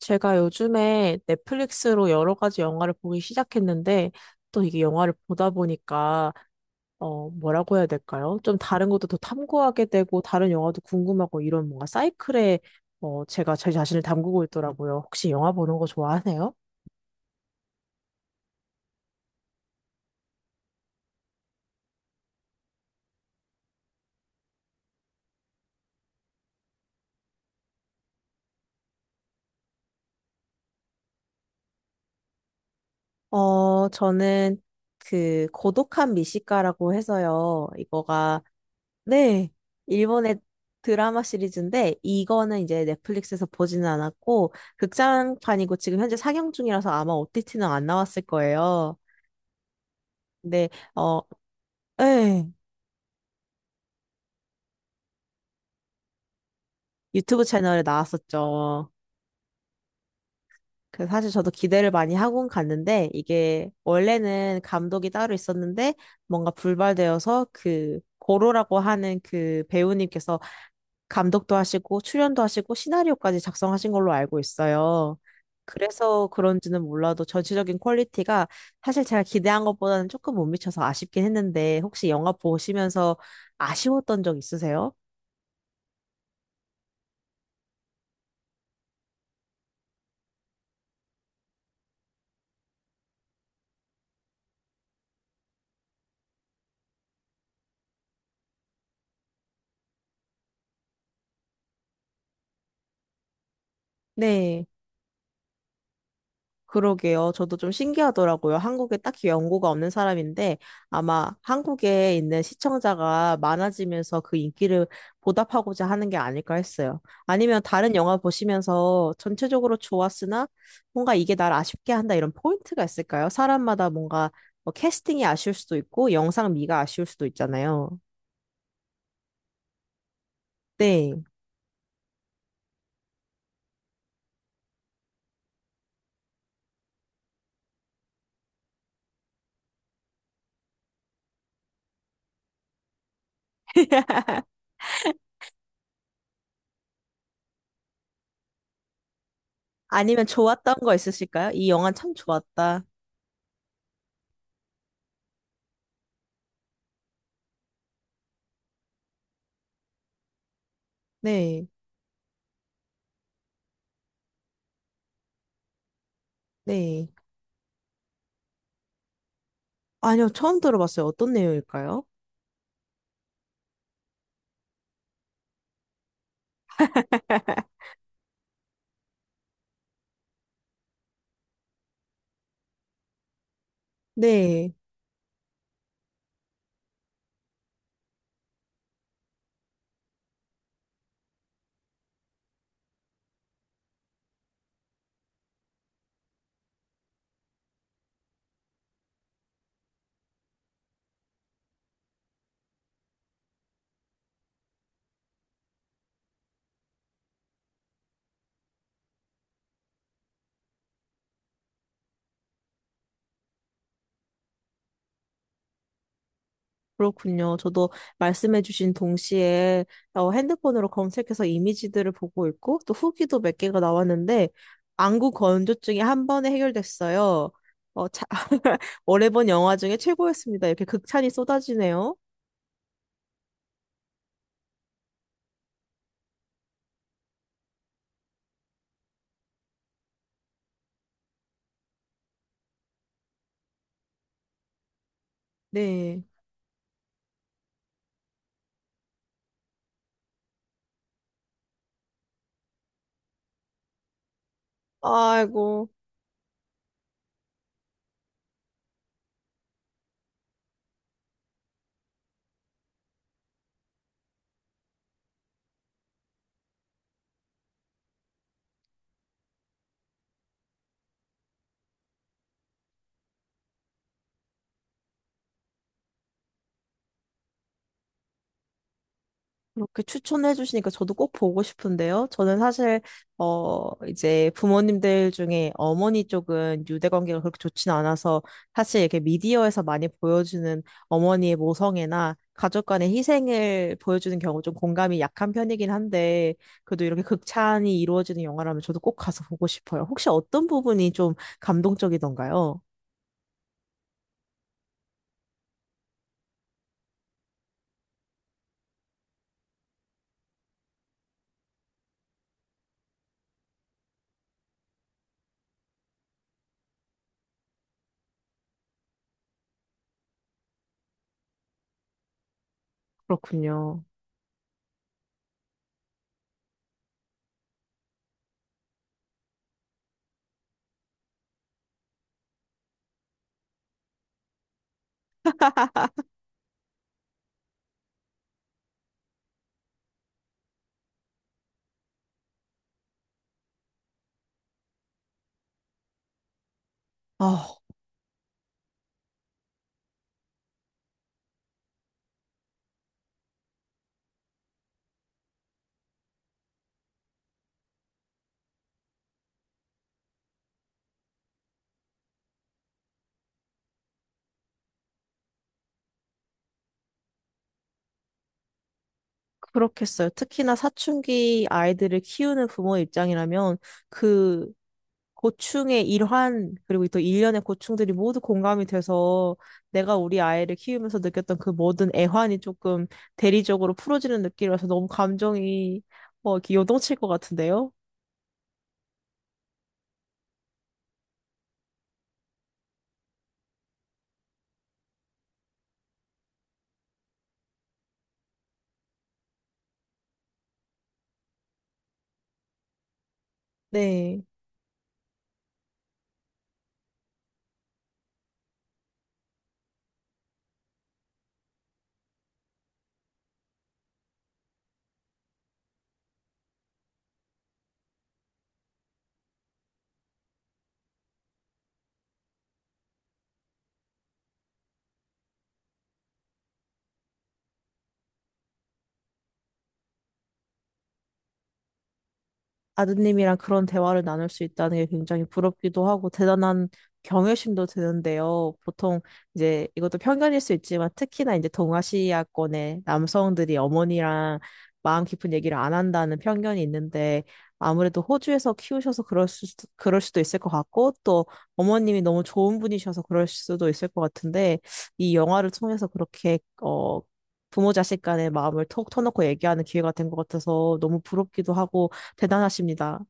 제가 요즘에 넷플릭스로 여러 가지 영화를 보기 시작했는데, 또 이게 영화를 보다 보니까, 뭐라고 해야 될까요? 좀 다른 것도 더 탐구하게 되고, 다른 영화도 궁금하고, 이런 뭔가 사이클에, 제가 제 자신을 담그고 있더라고요. 혹시 영화 보는 거 좋아하세요? 저는 그, 고독한 미식가라고 해서요. 이거가 네, 일본의 드라마 시리즈인데 이거는 이제 넷플릭스에서 보지는 않았고 극장판이고 지금 현재 상영 중이라서 아마 OTT는 안 나왔을 거예요. 근데 어, 예, 유튜브 채널에 나왔었죠. 그 사실 저도 기대를 많이 하고 갔는데 이게 원래는 감독이 따로 있었는데 뭔가 불발되어서 그 고로라고 하는 그 배우님께서 감독도 하시고 출연도 하시고 시나리오까지 작성하신 걸로 알고 있어요. 그래서 그런지는 몰라도 전체적인 퀄리티가 사실 제가 기대한 것보다는 조금 못 미쳐서 아쉽긴 했는데 혹시 영화 보시면서 아쉬웠던 적 있으세요? 네. 그러게요. 저도 좀 신기하더라고요. 한국에 딱히 연고가 없는 사람인데 아마 한국에 있는 시청자가 많아지면서 그 인기를 보답하고자 하는 게 아닐까 했어요. 아니면 다른 영화 보시면서 전체적으로 좋았으나 뭔가 이게 날 아쉽게 한다 이런 포인트가 있을까요? 사람마다 뭔가 뭐 캐스팅이 아쉬울 수도 있고 영상미가 아쉬울 수도 있잖아요. 네. 아니면 좋았던 거 있으실까요? 이 영화 참 좋았다. 네. 네. 아니요, 처음 들어봤어요. 어떤 내용일까요? 네, 그렇군요. 저도 말씀해주신 동시에 핸드폰으로 검색해서 이미지들을 보고 있고 또 후기도 몇 개가 나왔는데 안구 건조증이 한 번에 해결됐어요. 어, 자, 오래 본 영화 중에 최고였습니다. 이렇게 극찬이 쏟아지네요. 네. 아이고. 그렇게 추천해 주시니까 저도 꼭 보고 싶은데요. 저는 사실 이제 부모님들 중에 어머니 쪽은 유대 관계가 그렇게 좋진 않아서 사실 이렇게 미디어에서 많이 보여주는 어머니의 모성애나 가족 간의 희생을 보여주는 경우 좀 공감이 약한 편이긴 한데 그래도 이렇게 극찬이 이루어지는 영화라면 저도 꼭 가서 보고 싶어요. 혹시 어떤 부분이 좀 감동적이던가요? 그렇군요. 아, 그렇겠어요. 특히나 사춘기 아이들을 키우는 부모 입장이라면 그 고충의 일환, 그리고 또 일련의 고충들이 모두 공감이 돼서 내가 우리 아이를 키우면서 느꼈던 그 모든 애환이 조금 대리적으로 풀어지는 느낌이라서 너무 감정이 뭐 이렇게 요동칠 것 같은데요? 네. 아드님이랑 그런 대화를 나눌 수 있다는 게 굉장히 부럽기도 하고 대단한 경외심도 드는데요. 보통 이제 이것도 편견일 수 있지만 특히나 이제 동아시아권의 남성들이 어머니랑 마음 깊은 얘기를 안 한다는 편견이 있는데 아무래도 호주에서 키우셔서 그럴 수도 있을 것 같고 또 어머님이 너무 좋은 분이셔서 그럴 수도 있을 것 같은데 이 영화를 통해서 그렇게 부모 자식 간의 마음을 톡 터놓고 얘기하는 기회가 된 것 같아서 너무 부럽기도 하고 대단하십니다.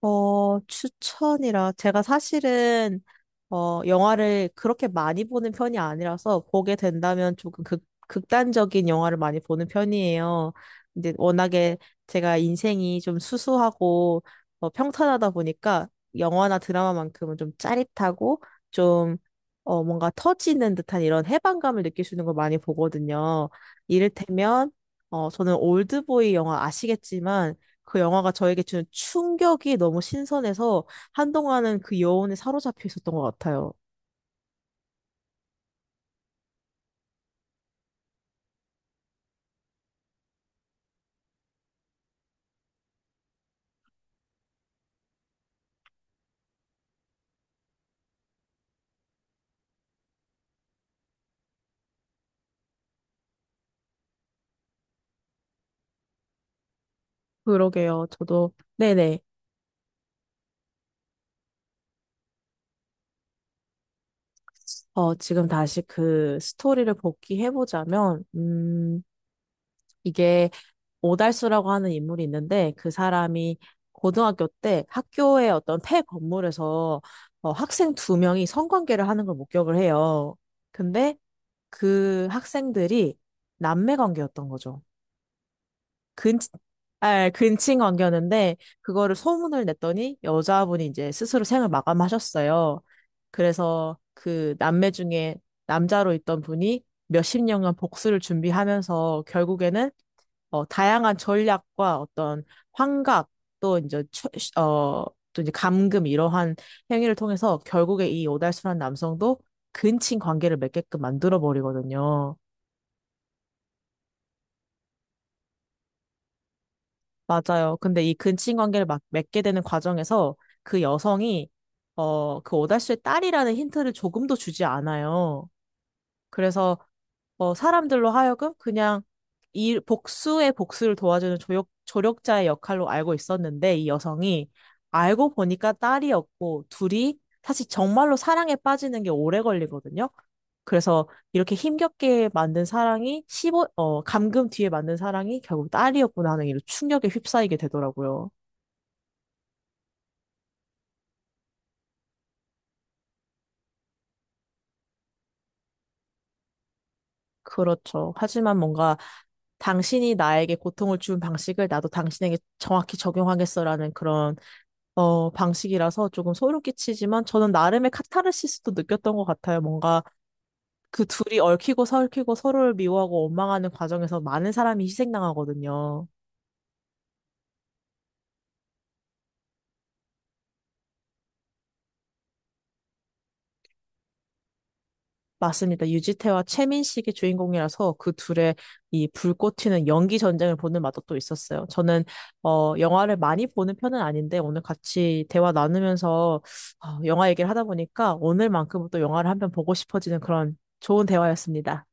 추천이라. 제가 사실은, 영화를 그렇게 많이 보는 편이 아니라서 보게 된다면 조금 극단적인 영화를 많이 보는 편이에요. 근데 워낙에 제가 인생이 좀 수수하고 평탄하다 보니까 영화나 드라마만큼은 좀 짜릿하고 좀 뭔가 터지는 듯한 이런 해방감을 느낄 수 있는 걸 많이 보거든요. 이를테면, 저는 올드보이 영화 아시겠지만 그 영화가 저에게 주는 충격이 너무 신선해서 한동안은 그 여운에 사로잡혀 있었던 것 같아요. 그러게요. 저도, 네네. 지금 다시 그 스토리를 복귀해보자면, 이게 오달수라고 하는 인물이 있는데, 그 사람이 고등학교 때 학교의 어떤 폐 건물에서 학생 두 명이 성관계를 하는 걸 목격을 해요. 근데 그 학생들이 남매 관계였던 거죠. 근, 근친 관계였는데 그거를 소문을 냈더니 여자분이 이제 스스로 생을 마감하셨어요. 그래서 그 남매 중에 남자로 있던 분이 몇십 년간 복수를 준비하면서 결국에는 다양한 전략과 어떤 환각 또 이제 최- 어, 또 이제 감금 이러한 행위를 통해서 결국에 이 오달수란 남성도 근친 관계를 맺게끔 만들어 버리거든요. 맞아요. 근데 이 근친 관계를 막 맺게 되는 과정에서 그 여성이 그 오달수의 딸이라는 힌트를 조금도 주지 않아요. 그래서 사람들로 하여금 그냥 이 복수의 복수를 도와주는 조력자의 역할로 알고 있었는데 이 여성이 알고 보니까 딸이었고 둘이 사실 정말로 사랑에 빠지는 게 오래 걸리거든요. 그래서 이렇게 힘겹게 만든 사랑이 감금 뒤에 만든 사랑이 결국 딸이었구나 하는 이런 충격에 휩싸이게 되더라고요. 그렇죠. 하지만 뭔가 당신이 나에게 고통을 준 방식을 나도 당신에게 정확히 적용하겠어라는 그런 방식이라서 조금 소름 끼치지만 저는 나름의 카타르시스도 느꼈던 것 같아요. 뭔가 그 둘이 얽히고 설키고 서로를 미워하고 원망하는 과정에서 많은 사람이 희생당하거든요. 맞습니다. 유지태와 최민식이 주인공이라서 그 둘의 이 불꽃 튀는 연기 전쟁을 보는 맛도 또 있었어요. 저는 영화를 많이 보는 편은 아닌데 오늘 같이 대화 나누면서 영화 얘기를 하다 보니까 오늘만큼은 또 영화를 한편 보고 싶어지는 그런 좋은 대화였습니다.